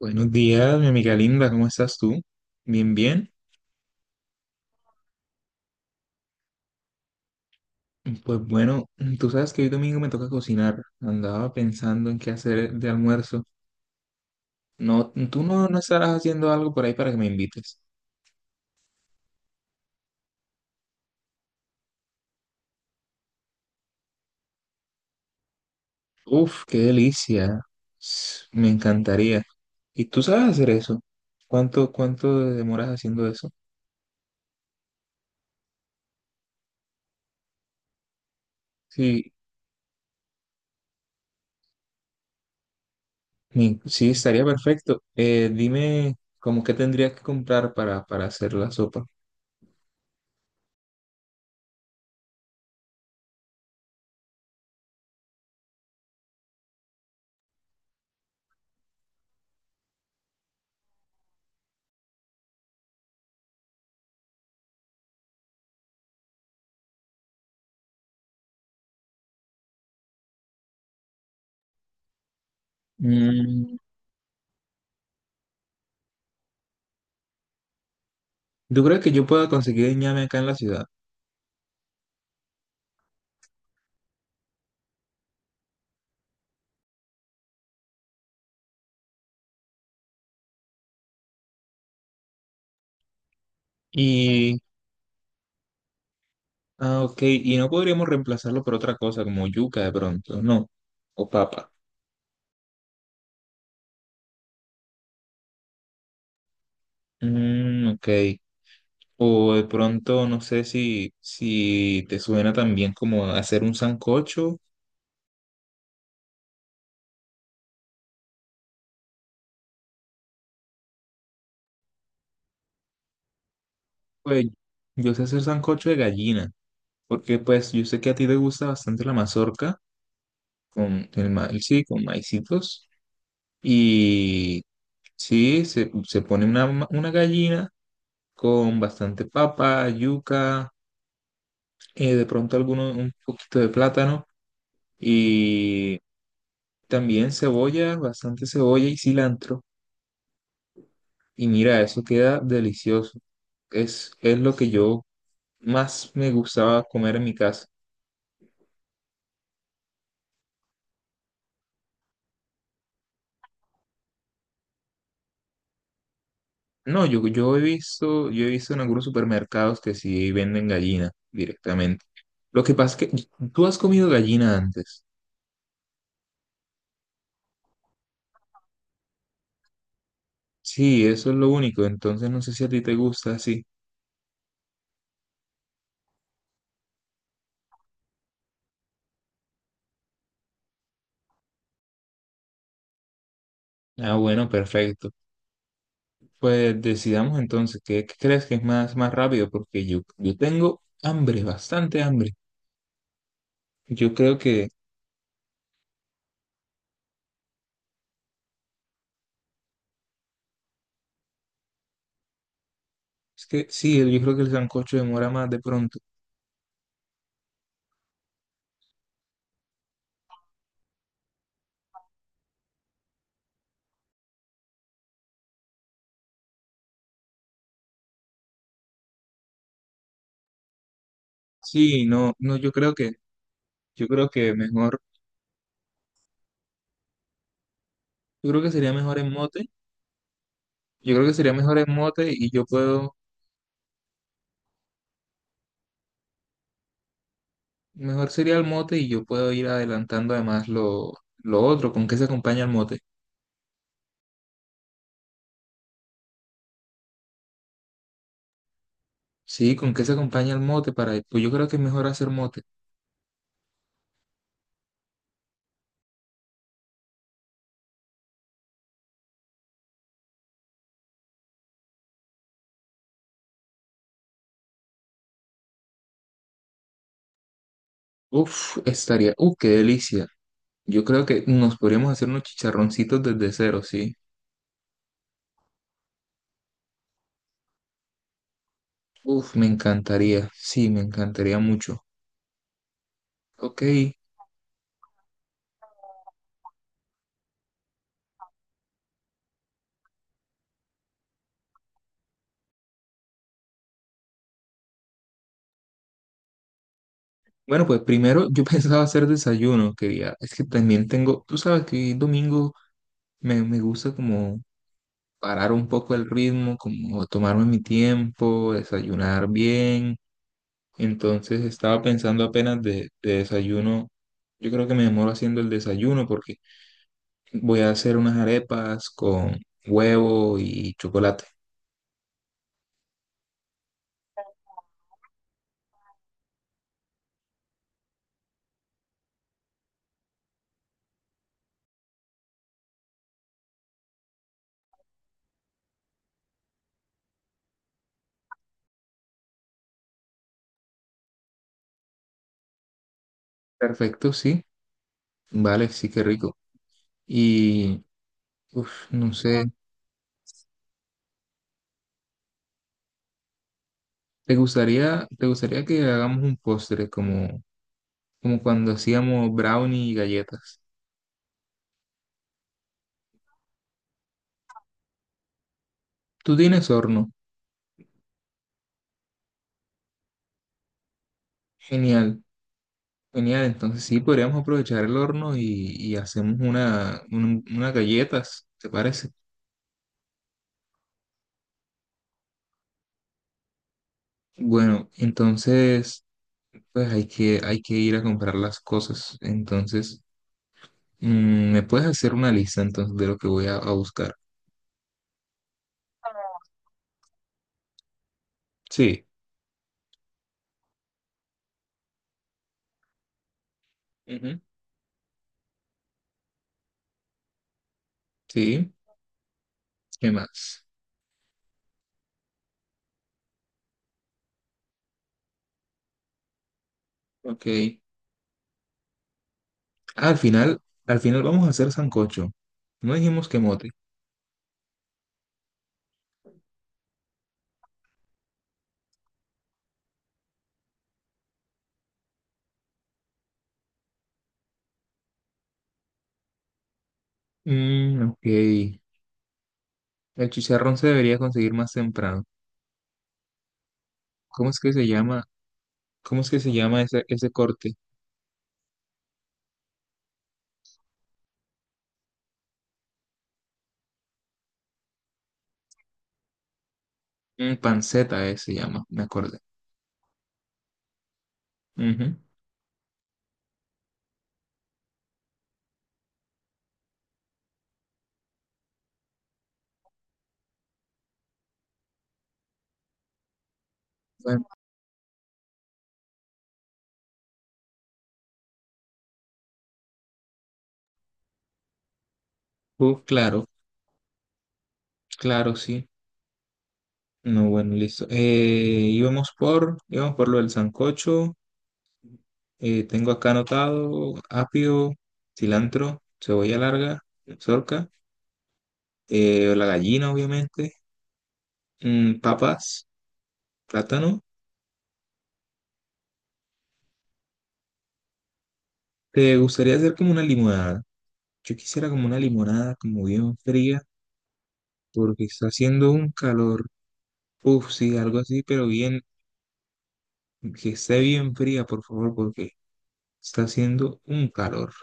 Buenos días, mi amiga linda, ¿cómo estás tú? Bien, bien. Pues bueno, tú sabes que hoy domingo me toca cocinar. Andaba pensando en qué hacer de almuerzo. No, tú no estarás haciendo algo por ahí para que me invites. Uf, qué delicia. Me encantaría. ¿Y tú sabes hacer eso? ¿Cuánto demoras haciendo eso? Sí, sí, estaría perfecto. Dime, ¿cómo qué tendrías que comprar para hacer la sopa? Mm, ¿tú crees que yo pueda conseguir ñame acá en la ciudad? Y, ah, ok, y no podríamos reemplazarlo por otra cosa como yuca de pronto, no, o papa. Mm, ok, o de pronto no sé si te suena también como hacer un sancocho, pues yo sé hacer sancocho de gallina, porque pues yo sé que a ti te gusta bastante la mazorca con el maíz, sí, con maicitos, y sí, se pone una, una gallina con bastante papa, yuca de pronto alguno, un poquito de plátano y también cebolla, bastante cebolla y cilantro. Y mira, eso queda delicioso. Es lo que yo más me gustaba comer en mi casa. No, yo he visto en algunos supermercados que sí venden gallina directamente. Lo que pasa es que tú has comido gallina antes. Sí, eso es lo único. Entonces no sé si a ti te gusta así. Ah, bueno, perfecto. Pues decidamos entonces, qué crees que es más rápido? Porque yo tengo hambre, bastante hambre. Yo creo que, es que sí, yo creo que el sancocho demora más de pronto. Sí, no, no, yo creo que mejor, yo creo que sería mejor en mote. Yo creo que sería mejor en mote y mejor sería el mote y yo puedo ir adelantando además lo otro, ¿con qué se acompaña el mote? Sí, ¿con qué se acompaña el mote para, pues yo creo que es mejor hacer mote. Uf, qué delicia. Yo creo que nos podríamos hacer unos chicharroncitos desde cero, ¿sí? Uf, me encantaría, sí, me encantaría mucho. Ok, bueno, pues primero yo pensaba hacer desayuno, quería. Es que también tengo, tú sabes que hoy domingo me gusta como parar un poco el ritmo, como tomarme mi tiempo, desayunar bien. Entonces estaba pensando apenas de desayuno. Yo creo que me demoro haciendo el desayuno porque voy a hacer unas arepas con huevo y chocolate. Perfecto, sí. Vale, sí, qué rico. Y, uf, no sé, te gustaría que hagamos un postre como cuando hacíamos brownie y galletas? Tú tienes horno. Genial, genial. Entonces sí, podríamos aprovechar el horno y hacemos una, unas galletas, ¿te parece? Bueno, entonces, pues hay que ir a comprar las cosas. Entonces, mm, ¿me puedes hacer una lista entonces de lo que voy a buscar? Sí. Ujú. Sí. ¿Qué más? Ok. Ah, al final vamos a hacer sancocho. No dijimos que mote. Mm, ok. El chicharrón se debería conseguir más temprano. ¿Cómo es que se llama? ¿Cómo es que se llama ese corte? Mm, panceta se llama, me acordé. Ujú. Bueno, claro, claro, sí. No, bueno, listo. Íbamos íbamos por lo del sancocho. Tengo acá anotado apio, cilantro, cebolla larga, zorca, la gallina, obviamente. Mm, papas, plátano. ¿Te gustaría hacer como una limonada? Yo quisiera como una limonada, como bien fría, porque está haciendo un calor. Uf, sí, algo así, pero bien, que esté bien fría, por favor, porque está haciendo un calor.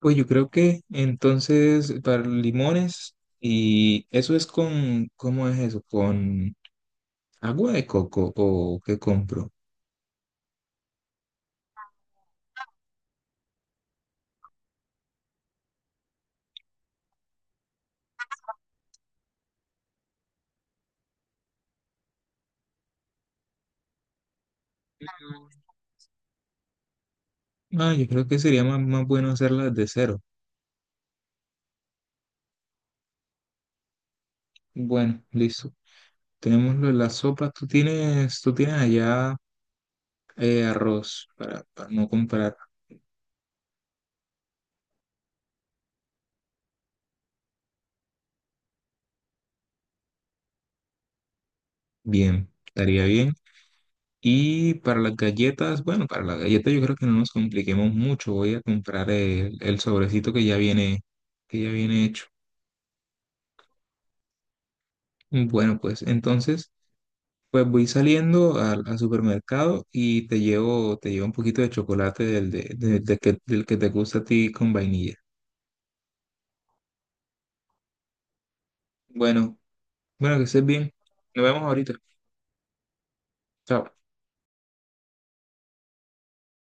Pues yo creo que entonces para limones, y eso es con, ¿cómo es eso? ¿Con agua de coco o qué compro? Ah, yo creo que sería más bueno hacerlas de cero. Bueno, listo. Tenémoslo en la sopa. Tú tienes allá arroz para no comprar. Bien, estaría bien. Y para las galletas, bueno, para las galletas yo creo que no nos compliquemos mucho. Voy a comprar el sobrecito que ya viene hecho. Bueno, pues entonces, pues voy saliendo al supermercado y te llevo un poquito de chocolate del, de que, del que te gusta a ti con vainilla. Bueno, bueno, que estés bien. Nos vemos ahorita. Chao.